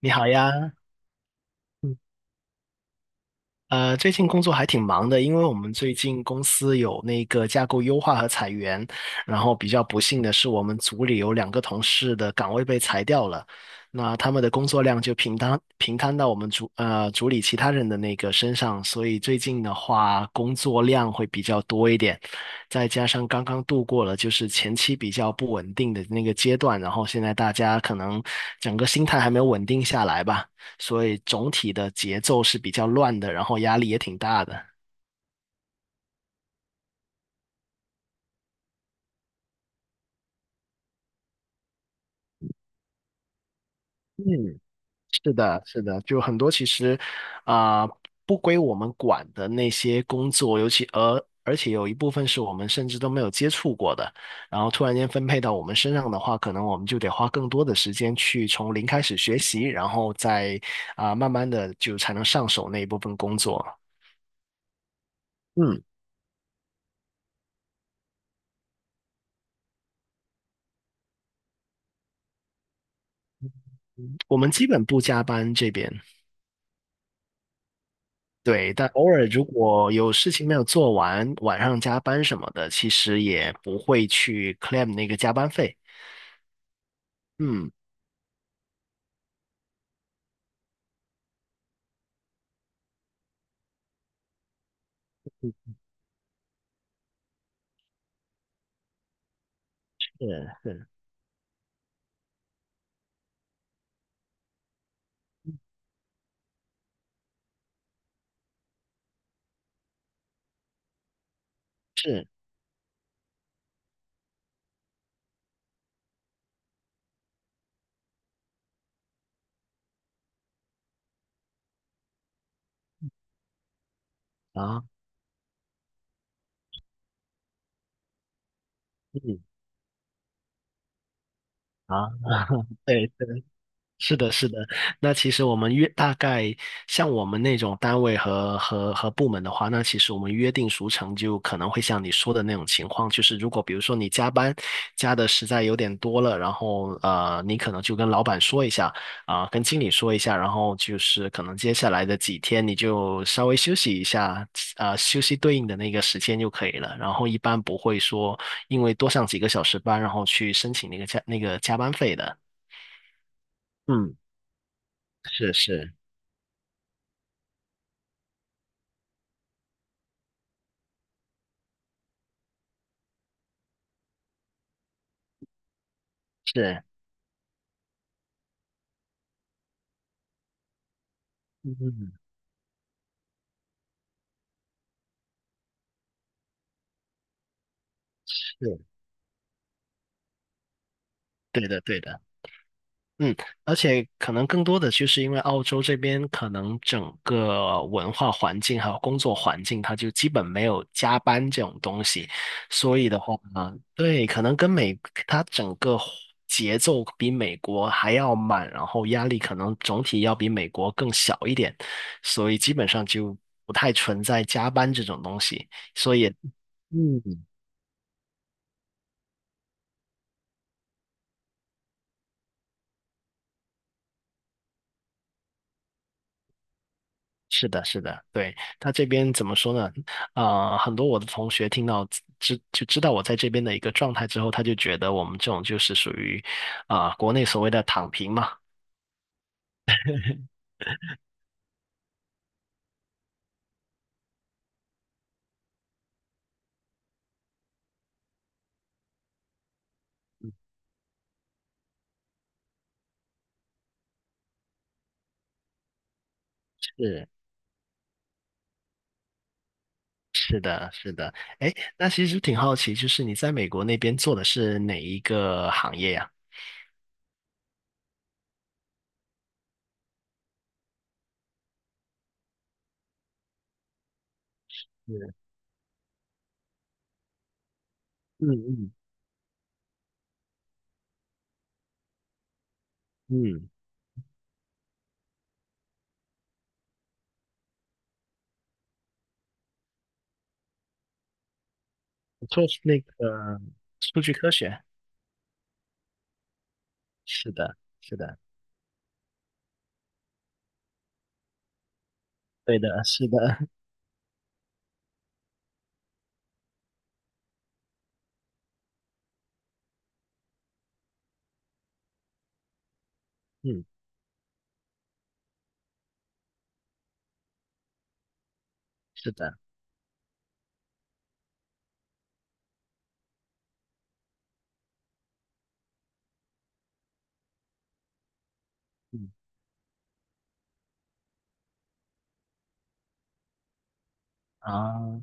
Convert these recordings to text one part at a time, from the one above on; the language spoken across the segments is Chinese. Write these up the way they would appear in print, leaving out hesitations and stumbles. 你好呀。嗯，最近工作还挺忙的，因为我们最近公司有那个架构优化和裁员，然后比较不幸的是，我们组里有两个同事的岗位被裁掉了，那他们的工作量就平摊到我们组里其他人的那个身上，所以最近的话工作量会比较多一点，再加上刚刚度过了就是前期比较不稳定的那个阶段，然后现在大家可能整个心态还没有稳定下来吧。所以总体的节奏是比较乱的，然后压力也挺大的。嗯，是的，是的，就很多其实啊、呃不归我们管的那些工作，尤其而且有一部分是我们甚至都没有接触过的，然后突然间分配到我们身上的话，可能我们就得花更多的时间去从零开始学习，然后再慢慢的就才能上手那一部分工作。嗯，我们基本不加班这边。对，但偶尔如果有事情没有做完，晚上加班什么的，其实也不会去 claim 那个加班费。嗯，是是啊，嗯啊，对，是的，是的。那其实我们约大概像我们那种单位和部门的话，那其实我们约定俗成就可能会像你说的那种情况，就是如果比如说你加班加的实在有点多了，然后呃，你可能就跟老板说一下，跟经理说一下，然后就是可能接下来的几天你就稍微休息一下，休息对应的那个时间就可以了。然后一般不会说因为多上几个小时班，然后去申请那个加那个加班费的。嗯，是是。是，嗯，是，对的，对的。嗯，而且可能更多的就是因为澳洲这边可能整个文化环境还有工作环境，它就基本没有加班这种东西，所以的话，对，可能跟美，它整个节奏比美国还要慢，然后压力可能总体要比美国更小一点，所以基本上就不太存在加班这种东西，所以。嗯，是的，是的。对，他这边怎么说呢？很多我的同学听到知道我在这边的一个状态之后，他就觉得我们这种就是属于国内所谓的躺平嘛。是，是的，是的。哎，那其实挺好奇，就是你在美国那边做的是哪一个行业呀？是，嗯嗯嗯，我做是那个数据科学。是的，是的，对的，是的，嗯，是的。嗯啊，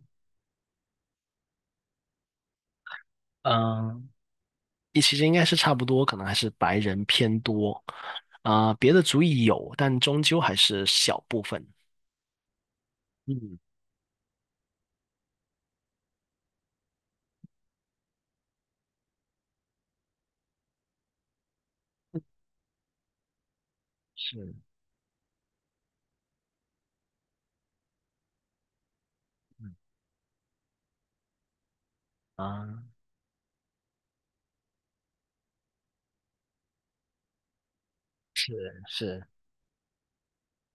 嗯，你其实应该是差不多，可能还是白人偏多，别的族裔有，但终究还是小部分。嗯，是啊，是是，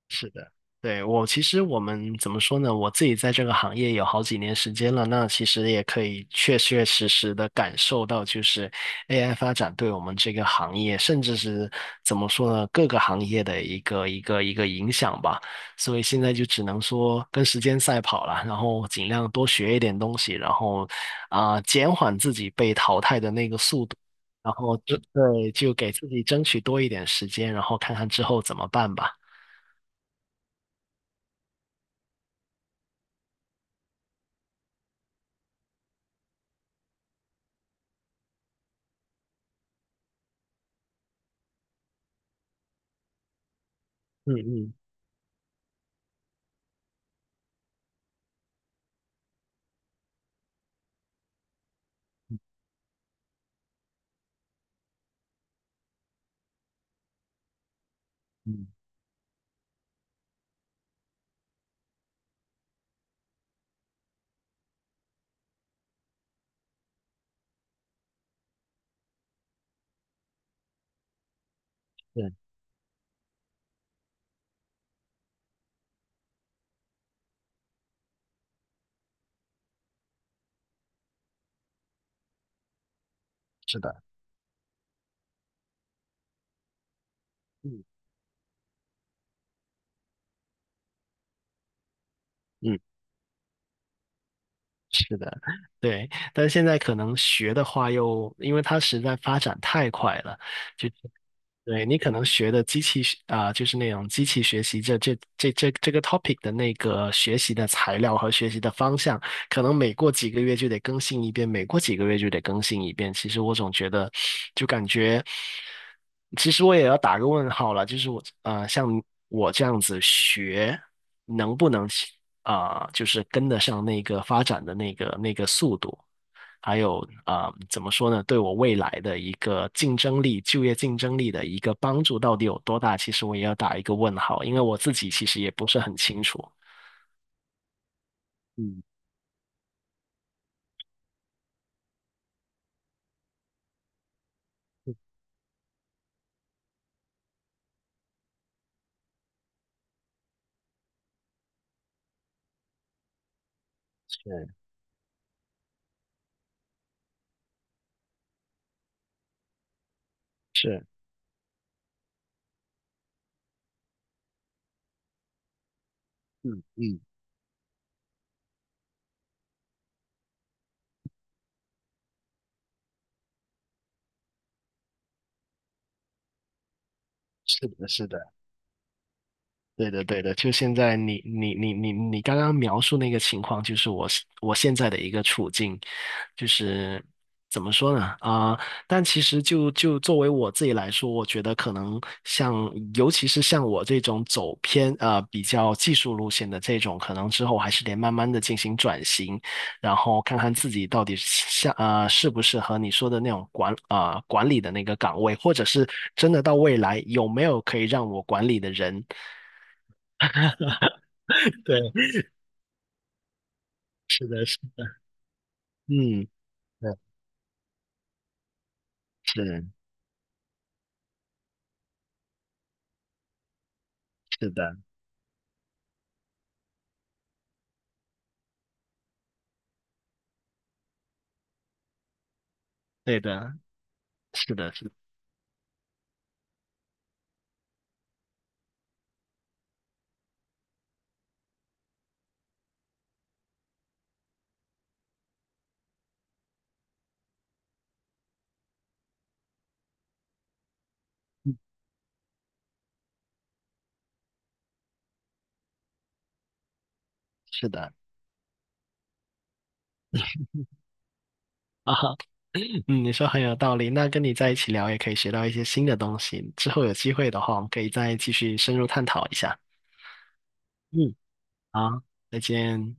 是的。对，我其实我们怎么说呢？我自己在这个行业有好几年时间了，那其实也可以确确实实的感受到，就是 AI 发展对我们这个行业，甚至是怎么说呢，各个行业的一个影响吧。所以现在就只能说跟时间赛跑了，然后尽量多学一点东西，然后减缓自己被淘汰的那个速度，然后就对，就给自己争取多一点时间，然后看看之后怎么办吧。嗯嗯。嗯，对，是的，嗯嗯，是的，对。但是现在可能学的话又，因为它实在发展太快了，就对你可能学的机器学就是那种机器学习这个 topic 的那个学习的材料和学习的方向，可能每过几个月就得更新一遍，每过几个月就得更新一遍。其实我总觉得，就感觉，其实我也要打个问号了，就是我像我这样子学，能不能就是跟得上那个发展的那个速度？还有怎么说呢？对我未来的一个竞争力、就业竞争力的一个帮助到底有多大？其实我也要打一个问号，因为我自己其实也不是很清楚。嗯，是是，嗯嗯，是的，是的。对的，对的，就现在你刚刚描述那个情况，就是我现在的一个处境，就是怎么说呢？但其实就作为我自己来说，我觉得可能像，尤其是像我这种走偏啊比较技术路线的这种，可能之后还是得慢慢的进行转型，然后看看自己到底像呃适不适合你说的那种管理的那个岗位，或者是真的到未来有没有可以让我管理的人。对，是的，是，嗯，对，是，是的，对的，是的，是，是的，啊，哈。嗯，你说很有道理。那跟你在一起聊，也可以学到一些新的东西。之后有机会的话，我们可以再继续深入探讨一下。嗯，好，再见。